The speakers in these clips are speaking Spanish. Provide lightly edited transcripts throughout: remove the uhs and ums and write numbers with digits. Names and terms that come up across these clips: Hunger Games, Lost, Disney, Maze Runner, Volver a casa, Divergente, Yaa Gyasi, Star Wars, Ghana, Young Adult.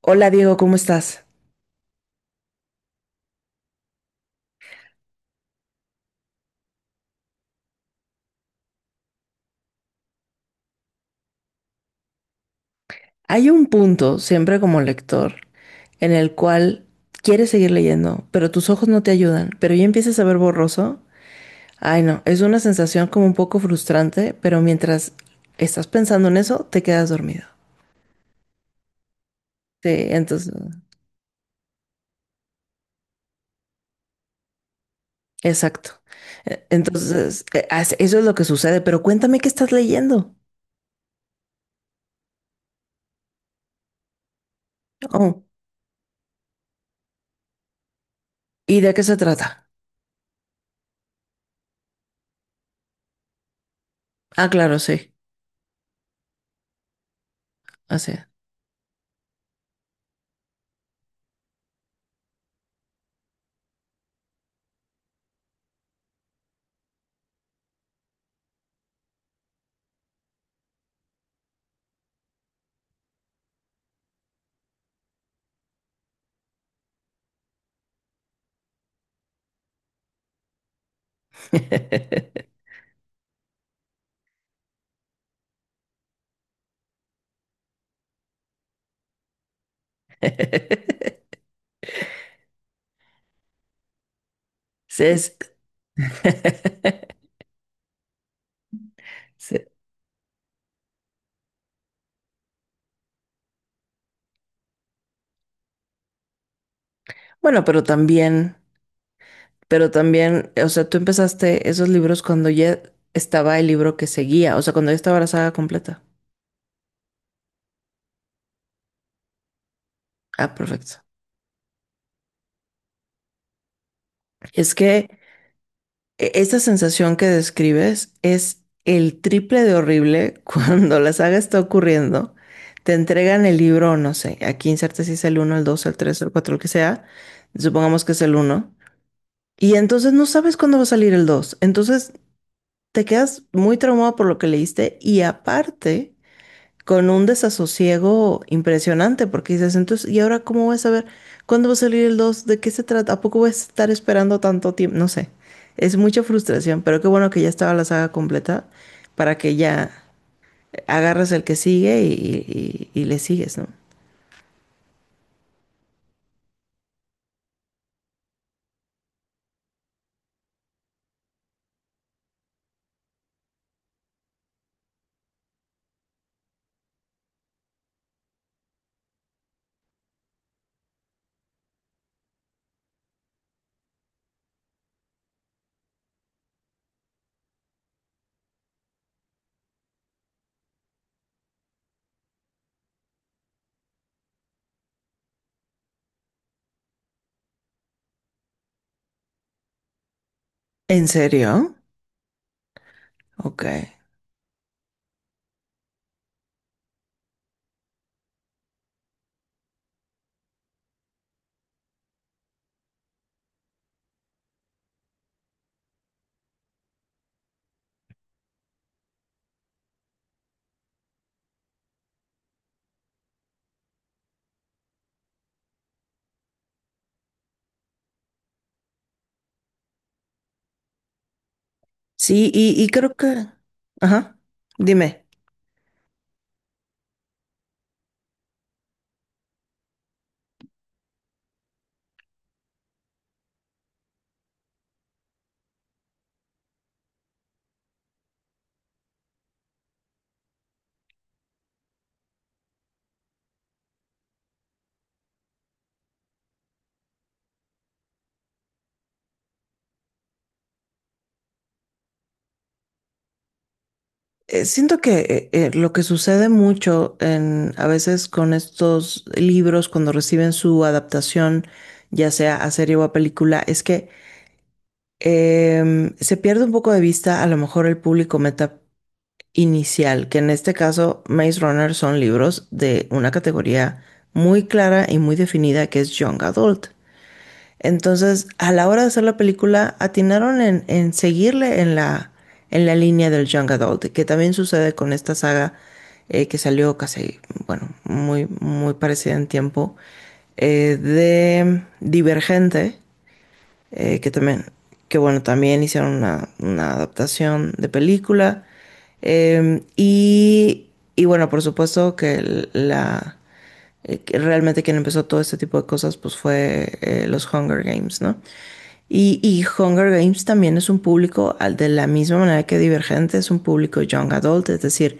Hola Diego, ¿cómo estás? Hay un punto, siempre como lector, en el cual quieres seguir leyendo, pero tus ojos no te ayudan, pero ya empiezas a ver borroso. Ay, no, es una sensación como un poco frustrante, pero mientras estás pensando en eso, te quedas dormido. Sí, entonces, exacto. Eso es lo que sucede, pero cuéntame qué estás leyendo. Oh, ¿y de qué se trata? Ah, claro, sí, así. Sí, es. Sí, bueno, pero también, o sea, tú empezaste esos libros cuando ya estaba el libro que seguía, o sea, cuando ya estaba la saga completa. Ah, perfecto. Es que esa sensación que describes es el triple de horrible cuando la saga está ocurriendo. Te entregan el libro, no sé, aquí inserta si es el uno, el 2, el 3, el 4, el que sea. Supongamos que es el uno. Y entonces no sabes cuándo va a salir el 2. Entonces te quedas muy traumado por lo que leíste y aparte... con un desasosiego impresionante, porque dices, entonces, ¿y ahora cómo voy a saber cuándo va a salir el dos? ¿De qué se trata? ¿A poco voy a estar esperando tanto tiempo? No sé, es mucha frustración, pero qué bueno que ya estaba la saga completa para que ya agarras el que sigue y le sigues, ¿no? ¿En serio? Ok. Sí, y creo que... Ajá, dime. Siento que lo que sucede mucho en, a veces con estos libros cuando reciben su adaptación, ya sea a serie o a película, es que se pierde un poco de vista a lo mejor el público meta inicial, que en este caso Maze Runner son libros de una categoría muy clara y muy definida que es Young Adult. Entonces, a la hora de hacer la película, atinaron en seguirle en la línea del Young Adult, que también sucede con esta saga que salió casi, bueno, muy, muy parecida en tiempo, de Divergente, que también, que bueno, también hicieron una adaptación de película. Y, y bueno, por supuesto que la, que realmente quien empezó todo este tipo de cosas pues fue los Hunger Games, ¿no? Y Hunger Games también es un público, de la misma manera que Divergente, es un público young adult, es decir,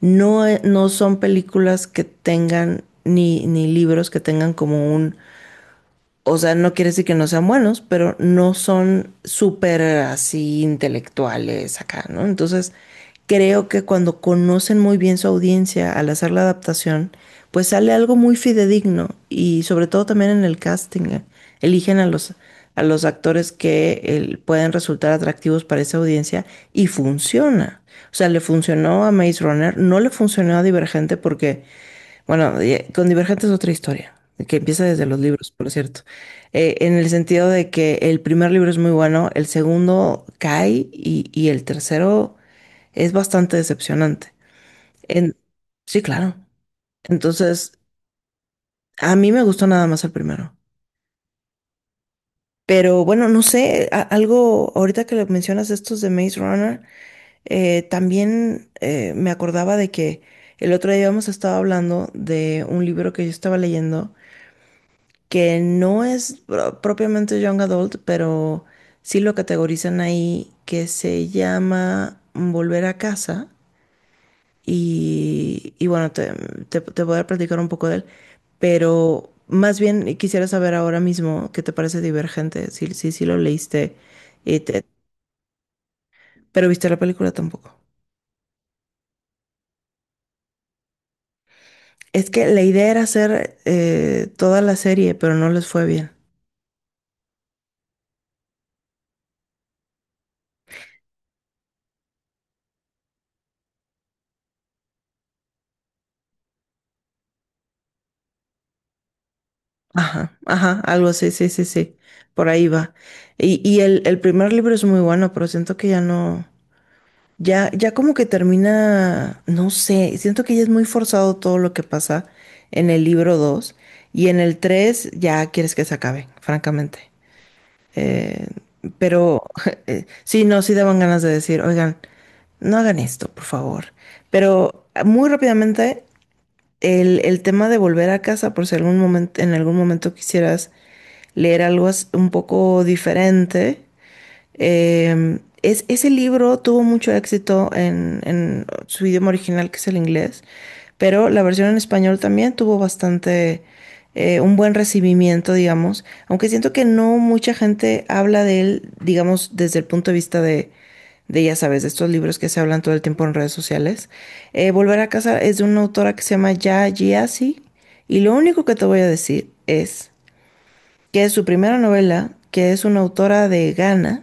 no, no son películas que tengan, ni, ni libros que tengan como un, o sea, no quiere decir que no sean buenos, pero no son súper así intelectuales acá, ¿no? Entonces, creo que cuando conocen muy bien su audiencia al hacer la adaptación, pues sale algo muy fidedigno y sobre todo también en el casting, eligen a los actores que pueden resultar atractivos para esa audiencia y funciona. O sea, le funcionó a Maze Runner, no le funcionó a Divergente porque bueno, y, con Divergente es otra historia, que empieza desde los libros, por cierto. En el sentido de que el primer libro es muy bueno, el segundo cae y el tercero es bastante decepcionante. En, sí, claro. Entonces, a mí me gustó nada más el primero. Pero bueno, no sé, algo, ahorita que lo mencionas estos de Maze Runner, también me acordaba de que el otro día habíamos estado hablando de un libro que yo estaba leyendo que no es propiamente Young Adult, pero sí lo categorizan ahí, que se llama Volver a casa. Y bueno, te voy a platicar un poco de él, pero más bien quisiera saber ahora mismo qué te parece Divergente, si lo leíste, y pero viste la película tampoco. Es que la idea era hacer toda la serie, pero no les fue bien. Ajá, ajá, algo, sí, por ahí va. Y el primer libro es muy bueno, pero siento que ya no, ya, ya como que termina, no sé, siento que ya es muy forzado todo lo que pasa en el libro 2 y en el 3 ya quieres que se acabe, francamente. Eh, pero sí, no, sí daban ganas de decir, oigan, no hagan esto, por favor. Pero muy rápidamente el tema de volver a casa, por si algún momento, en algún momento quisieras leer algo un poco diferente, es, ese libro tuvo mucho éxito en su idioma original, que es el inglés, pero la versión en español también tuvo bastante, un buen recibimiento, digamos, aunque siento que no mucha gente habla de él, digamos, desde el punto de vista de, ya sabes, de estos libros que se hablan todo el tiempo en redes sociales. Volver a casa es de una autora que se llama Ya Gyasi, y lo único que te voy a decir es que es su primera novela, que es una autora de Ghana,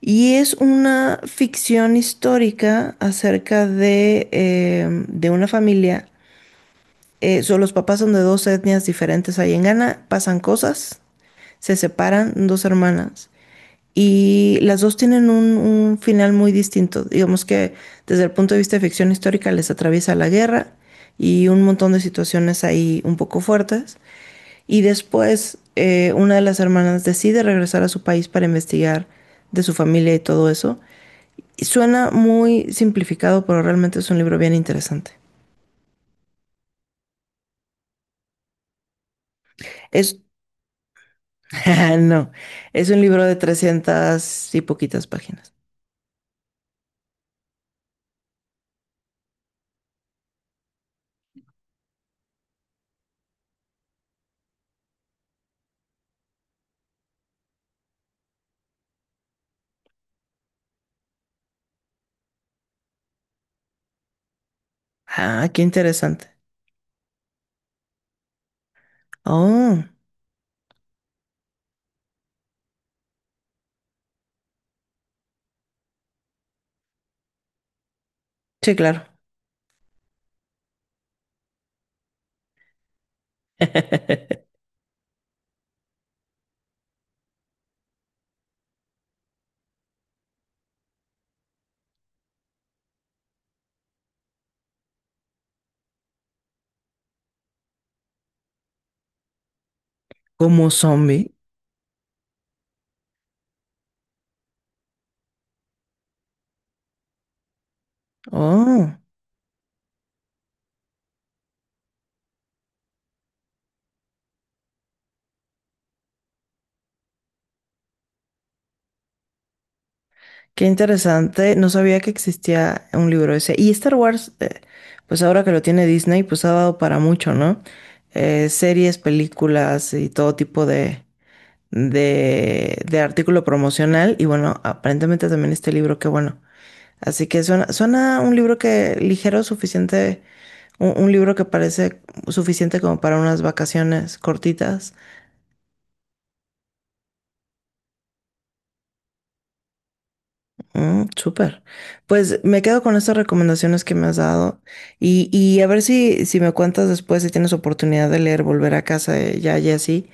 y es una ficción histórica acerca de una familia. Los papás son de dos etnias diferentes ahí en Ghana, pasan cosas, se separan dos hermanas y las dos tienen un final muy distinto. Digamos que desde el punto de vista de ficción histórica les atraviesa la guerra y un montón de situaciones ahí un poco fuertes. Y después una de las hermanas decide regresar a su país para investigar de su familia y todo eso. Suena muy simplificado, pero realmente es un libro bien interesante. Es, no, es un libro de 300 y poquitas páginas. Ah, qué interesante. Oh, sí, claro. Como zombie. Oh, qué interesante. No sabía que existía un libro ese. Y Star Wars, pues ahora que lo tiene Disney, pues ha dado para mucho, ¿no? Series, películas y todo tipo de artículo promocional y bueno, aparentemente también este libro, qué bueno. Así que suena, suena un libro que ligero, suficiente, un libro que parece suficiente como para unas vacaciones cortitas. Mm, súper. Pues me quedo con estas recomendaciones que me has dado y a ver si, si me cuentas después si tienes oportunidad de leer Volver a casa de ya Jessy,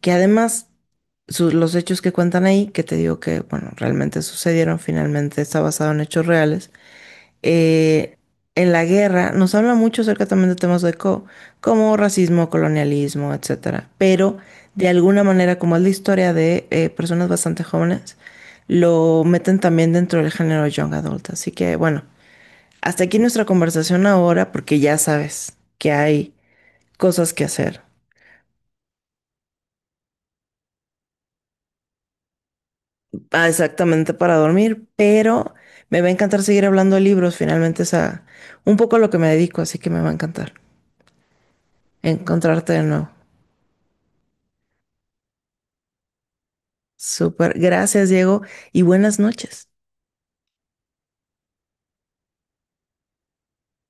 que además los hechos que cuentan ahí, que te digo que, bueno, realmente sucedieron, finalmente está basado en hechos reales. eh, en la guerra nos habla mucho acerca también de temas de como racismo, colonialismo, etcétera. Pero de alguna manera, como es la historia de personas bastante jóvenes, lo meten también dentro del género young adult. Así que bueno, hasta aquí nuestra conversación ahora, porque ya sabes que hay cosas que hacer. Ah, exactamente para dormir, pero me va a encantar seguir hablando de libros. Finalmente es a un poco a lo que me dedico, así que me va a encantar encontrarte de nuevo. Súper. Gracias, Diego, y buenas noches.